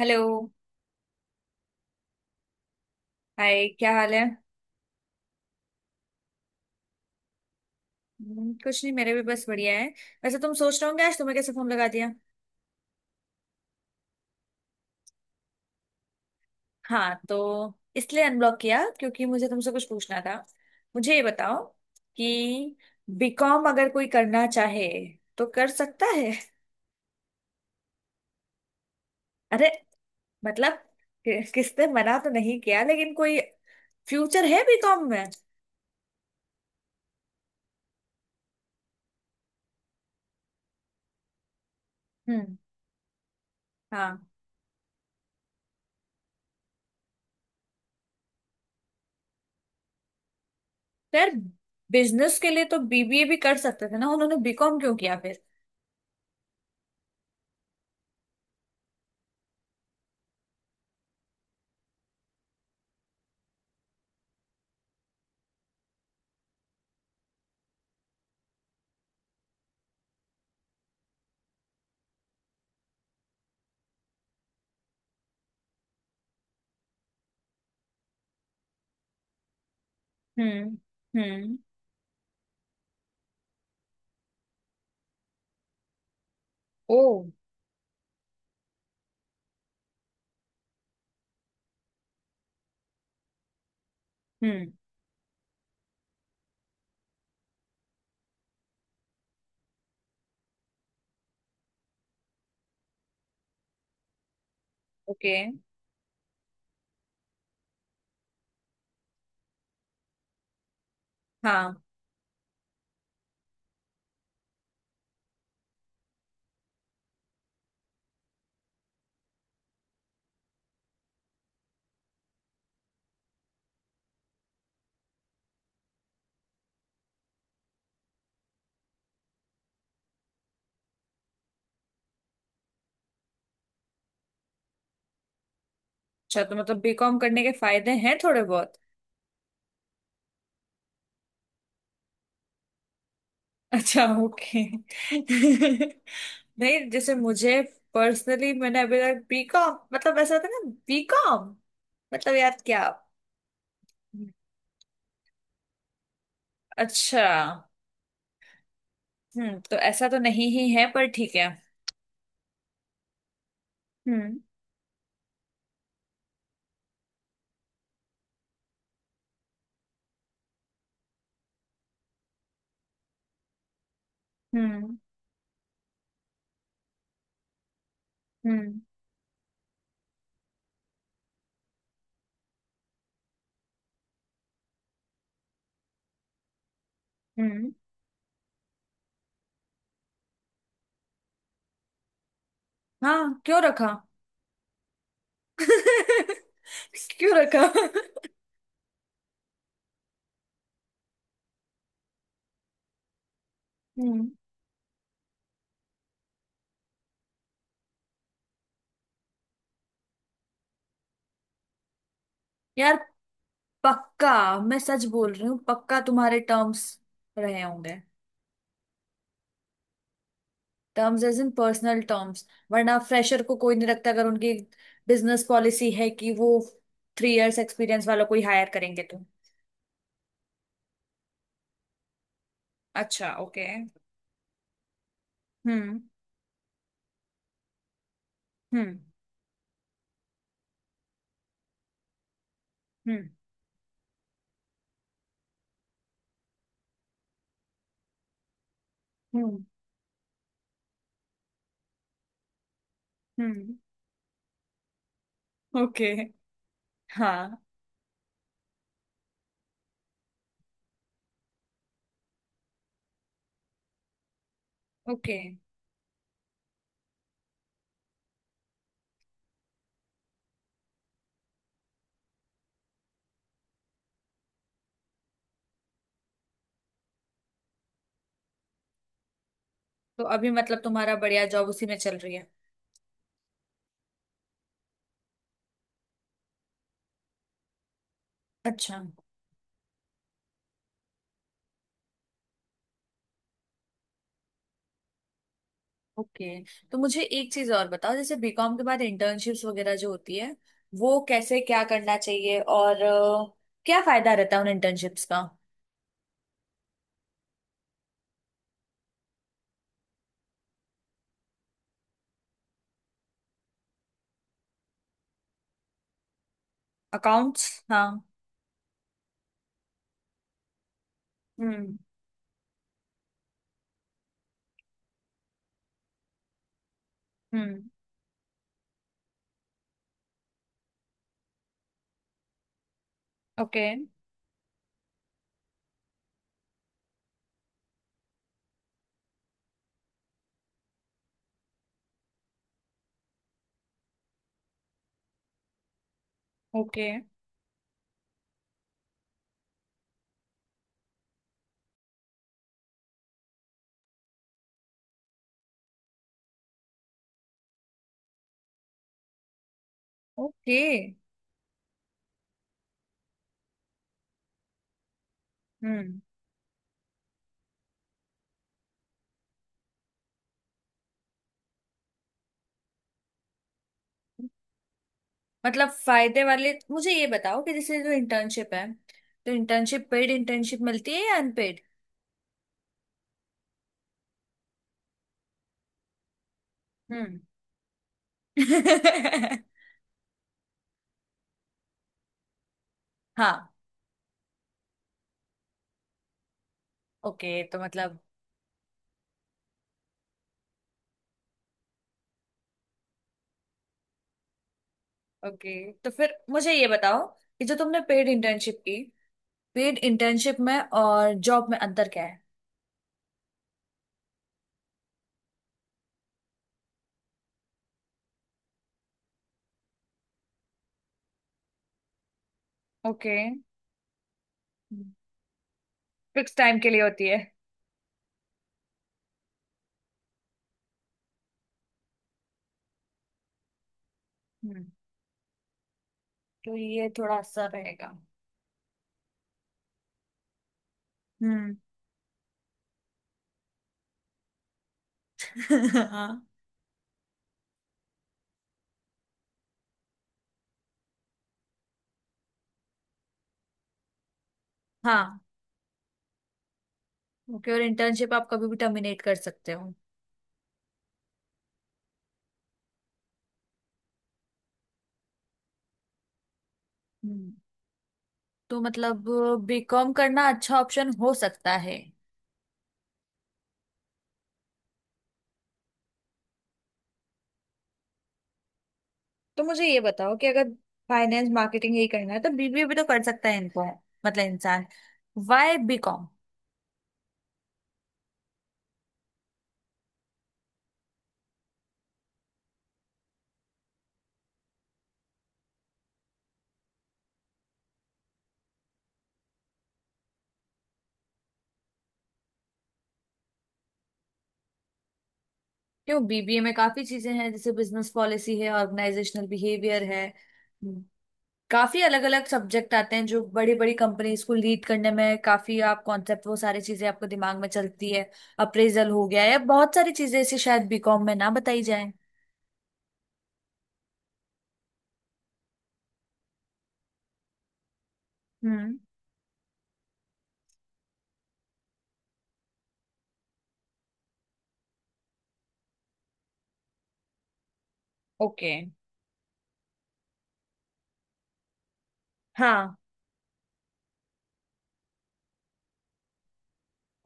Hello. Hi, क्या हाल है? कुछ नहीं, मेरे भी बस बढ़िया है। वैसे तुम सोच रहे होंगे आज तुम्हें कैसे फोन लगा दिया। हाँ तो इसलिए अनब्लॉक किया क्योंकि मुझे तुमसे कुछ पूछना था। मुझे ये बताओ कि बीकॉम अगर कोई करना चाहे तो कर सकता है? अरे, मतलब किसने मना तो नहीं किया, लेकिन कोई फ्यूचर है बीकॉम में? हम्म। हाँ। यार, बिजनेस के लिए तो बीबीए भी कर सकते थे ना, उन्होंने बीकॉम क्यों किया फिर? हम्म। हम्म। ओ। हम्म। ओके। हाँ। अच्छा, तो मतलब बीकॉम करने के फायदे हैं थोड़े बहुत। अच्छा, ओके। नहीं, जैसे मुझे पर्सनली, मैंने अभी तक बीकॉम मतलब ऐसा होता है ना, बीकॉम मतलब यार क्या। अच्छा। हम्म, तो ऐसा तो नहीं ही है, पर ठीक है। हम्म। हम्म। हम्म। हम्म। हाँ, क्यों रखा? क्यों रखा? हम्म। यार पक्का, मैं सच बोल रही हूँ, पक्का तुम्हारे टर्म्स रहे होंगे। Terms as in personal terms, वरना फ्रेशर को कोई नहीं रखता अगर उनकी बिजनेस पॉलिसी है कि वो थ्री इयर्स एक्सपीरियंस वालों को ही हायर करेंगे तो। अच्छा, ओके। हम्म। हम्म। हम्म। हम्म। हम्म। ओके। हाँ। ओके, तो अभी मतलब तुम्हारा बढ़िया जॉब उसी में चल रही है। अच्छा। ओके, तो मुझे एक चीज और बताओ, जैसे बीकॉम के बाद इंटर्नशिप्स वगैरह जो होती है वो कैसे, क्या करना चाहिए, और क्या फायदा रहता है उन इंटर्नशिप्स का? अकाउंट्स, हाँ। हम्म। हम्म। ओके। ओके। ओके। हम्म, मतलब फायदे वाले, मुझे ये बताओ कि जैसे जो इंटर्नशिप है, तो इंटर्नशिप पेड इंटर्नशिप मिलती है या अनपेड? हम्म। हाँ, ओके तो मतलब। ओके, तो फिर मुझे ये बताओ कि जो तुमने पेड इंटर्नशिप की, पेड इंटर्नशिप में और जॉब में अंतर क्या है? ओके। हम्म। फिक्स टाइम के लिए होती है। हम्म, तो ये थोड़ा सा रहेगा। हम्म। हाँ। हाँ। ओके, और इंटर्नशिप आप कभी भी टर्मिनेट कर सकते हो? हम्म, तो मतलब बीकॉम करना अच्छा ऑप्शन हो सकता है। तो मुझे ये बताओ कि अगर फाइनेंस मार्केटिंग यही करना है तो बीबीए भी तो कर सकता है इनको, मतलब इंसान। Why BCom? क्यों, बीबीए में काफी चीजें हैं जैसे बिजनेस पॉलिसी है, ऑर्गेनाइजेशनल बिहेवियर है। हम्म। काफी अलग अलग सब्जेक्ट आते हैं जो बड़ी बड़ी कंपनीज को लीड करने में काफी, आप कॉन्सेप्ट, वो सारी चीजें आपको दिमाग में चलती है। अप्रेजल हो गया, या बहुत सारी चीजें ऐसी शायद बीकॉम में ना बताई जाए। हम्म। ओके। हाँ।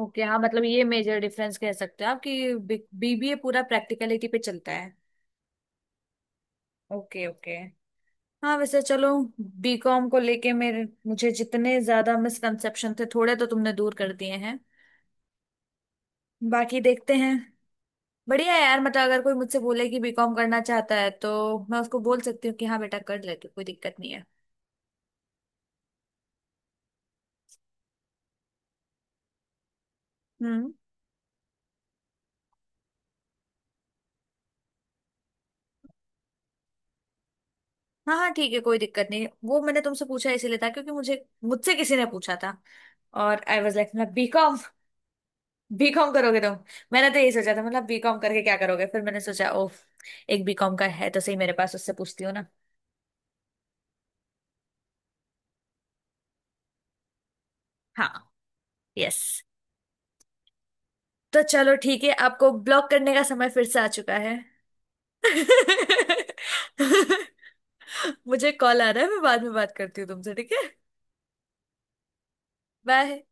ओके, हाँ, मतलब ये मेजर डिफरेंस कह सकते हो आप, कि बीबीए पूरा प्रैक्टिकलिटी पे चलता है। Okay, okay. हाँ, वैसे चलो, बीकॉम को लेके मेरे मुझे जितने ज्यादा मिसकंसेप्शन थे, थोड़े तो तुमने दूर कर दिए हैं। बाकी देखते हैं। बढ़िया है यार, मतलब अगर कोई मुझसे बोले कि बीकॉम करना चाहता है तो मैं उसको बोल सकती हूँ कि हाँ बेटा कर ले तू, कोई दिक्कत नहीं है। हम्म। हाँ हाँ, ठीक है, कोई दिक्कत नहीं। वो मैंने तुमसे पूछा इसीलिए था क्योंकि मुझे मुझसे किसी ने पूछा था, और आई वाज लाइक, मतलब बीकॉम बीकॉम करोगे तुम? मैंने तो यही सोचा था, मतलब बीकॉम करके क्या करोगे, फिर मैंने सोचा ओह, एक बीकॉम का है तो सही मेरे पास, उससे पूछती हूँ ना। हाँ। यस। तो चलो ठीक है, आपको ब्लॉक करने का समय फिर से आ चुका है। मुझे कॉल आ रहा है, मैं बाद में बात करती हूँ तुमसे, ठीक है? बाय।